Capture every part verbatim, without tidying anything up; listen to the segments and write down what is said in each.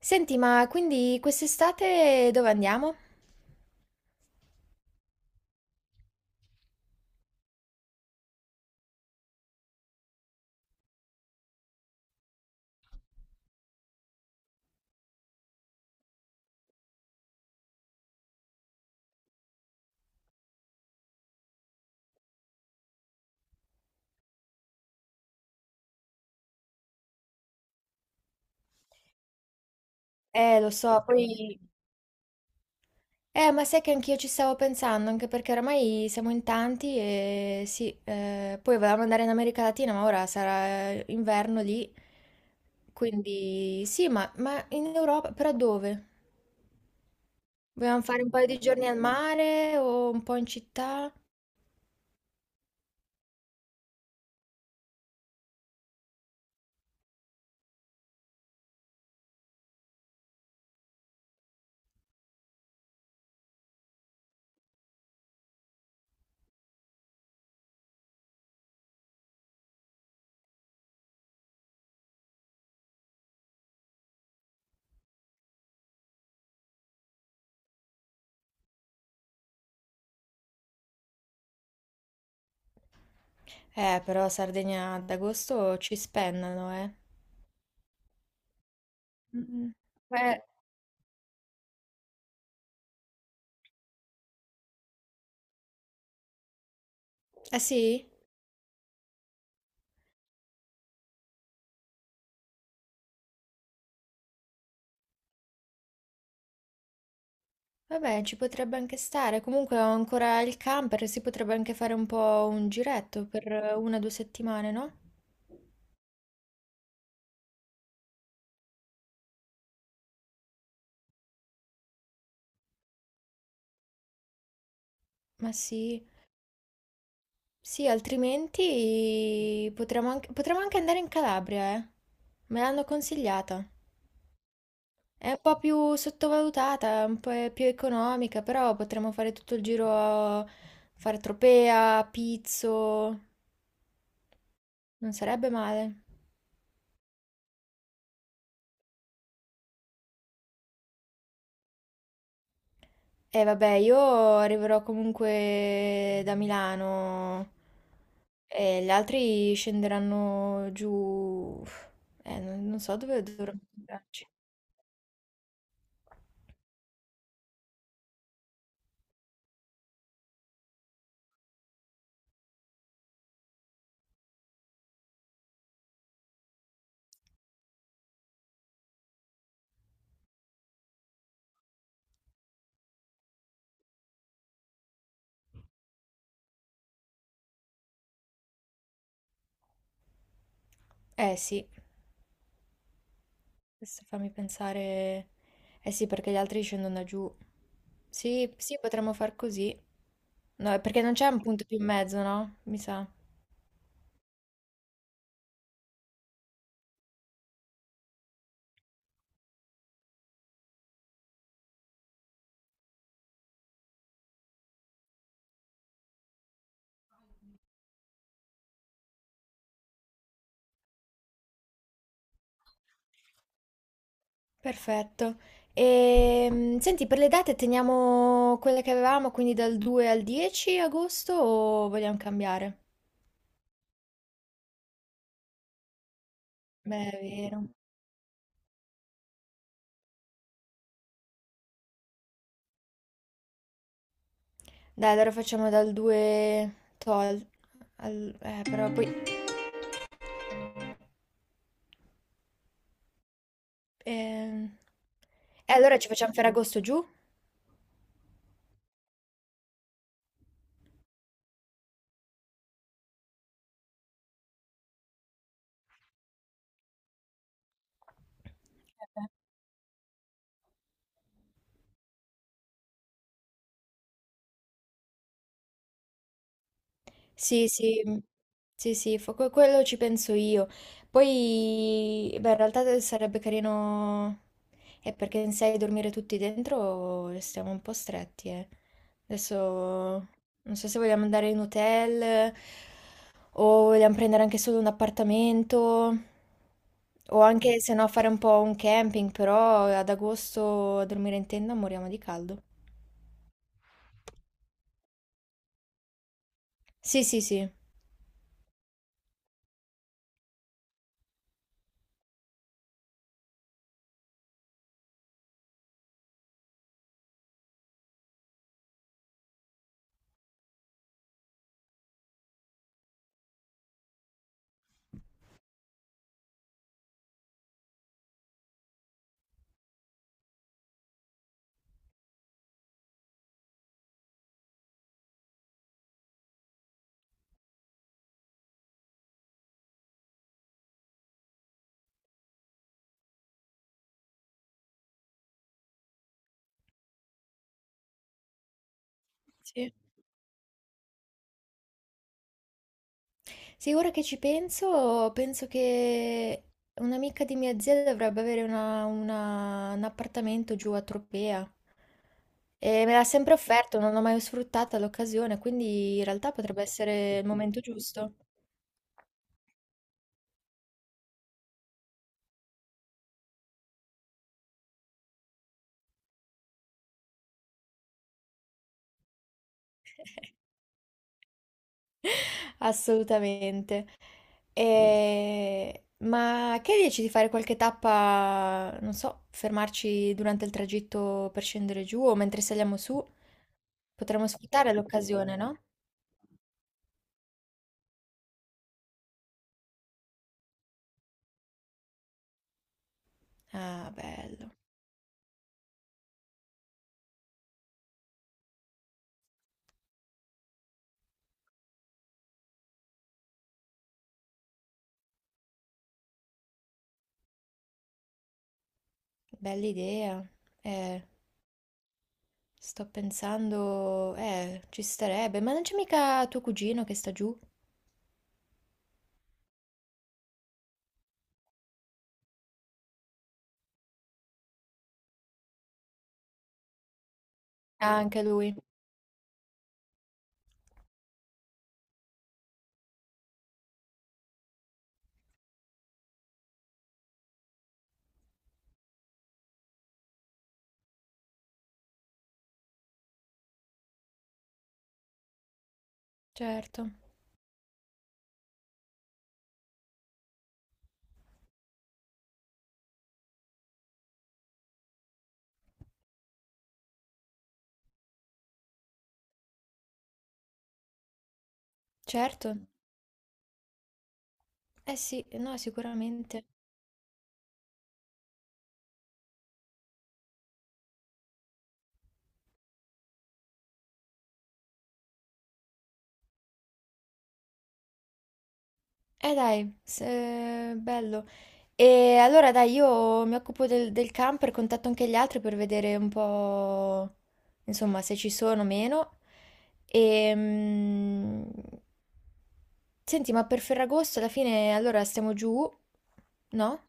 Senti, ma quindi quest'estate dove andiamo? Eh, lo so, poi. Eh, ma sai che anch'io ci stavo pensando, anche perché oramai siamo in tanti e sì, eh, poi volevamo andare in America Latina, ma ora sarà eh, inverno lì, quindi sì, ma, ma in Europa, però dove? Vogliamo fare un paio di giorni al mare o un po' in città? Eh, però Sardegna ad agosto ci spennano, eh. Mm. Eh, ah sì? Vabbè, ci potrebbe anche stare. Comunque ho ancora il camper, si potrebbe anche fare un po' un giretto per una o due settimane, no? Ma sì, sì, altrimenti potremmo anche, potremmo anche andare in Calabria, eh. Me l'hanno consigliata. È un po' più sottovalutata, un po' è più economica, però potremmo fare tutto il giro, a fare Tropea, Pizzo, non sarebbe male. E vabbè, io arriverò comunque da Milano. E gli altri scenderanno giù. Eh, non, non so dove dovremmo andarci. Eh sì, questo fammi pensare. Eh sì, perché gli altri scendono da giù. Sì, sì, potremmo far così. No, è perché non c'è un punto più in mezzo, no? Mi sa. Perfetto. E, senti, per le date teniamo quelle che avevamo, quindi dal due al dieci agosto o vogliamo cambiare? Beh, è vero. Dai, allora facciamo dal due tol... al- eh, però poi. ehm, E allora ci facciamo Ferragosto giù? Eh. Sì, sì, mm, sì, sì, fa- que- quello ci penso io. Poi, beh, in realtà sarebbe carino. Eh, perché in sei dormire tutti dentro restiamo un po' stretti, eh. Adesso non so se vogliamo andare in hotel, o vogliamo prendere anche solo un appartamento, o anche se no fare un po' un camping, però ad agosto a dormire in tenda moriamo di caldo. Sì, sì, sì. Sì. Sì, ora che ci penso, penso che un'amica di mia zia dovrebbe avere una- una- un appartamento giù a Tropea. E me l'ha sempre offerto, non ho mai sfruttata l'occasione, quindi in realtà potrebbe essere il momento giusto. Assolutamente. E- Ma che dici di fare qualche tappa, non so, fermarci durante il tragitto per scendere giù o mentre saliamo su? Potremmo sfruttare l'occasione, no? Ah, bello, bella idea. Eh, sto pensando, eh, ci starebbe, ma non c'è mica tuo cugino che sta giù? Ah, anche lui. Certo, certo. Eh sì, no, sicuramente. Eh dai, se- bello. E allora dai, io mi occupo del, del camper, contatto anche gli altri per vedere un po', insomma, se ci sono o meno. E, mm, senti, ma per Ferragosto alla fine allora stiamo giù, no?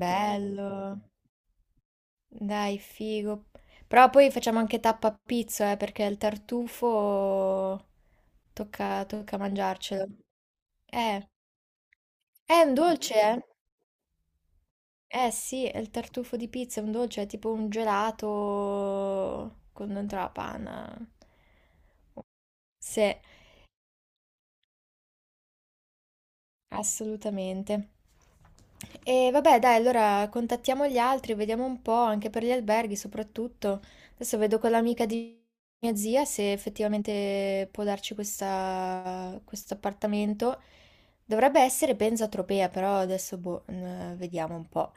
Bello, dai, figo. Però poi facciamo anche tappa a pizzo, eh, perché il tartufo tocca, tocca mangiarcelo. Eh, è un dolce, eh? Eh sì, è il tartufo di pizza, è un dolce, è tipo un gelato con dentro la panna. Sì, assolutamente. E vabbè, dai, allora contattiamo gli altri, vediamo un po', anche per gli alberghi soprattutto. Adesso vedo con l'amica di mia zia se effettivamente può darci questa- questo appartamento. Dovrebbe essere, penso, a Tropea, però adesso boh, eh, vediamo un po'.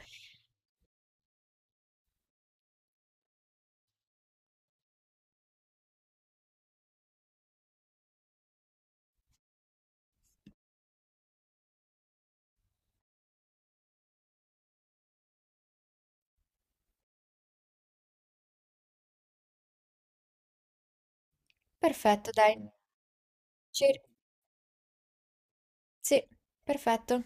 Perfetto, dai. Ci- Sì, perfetto.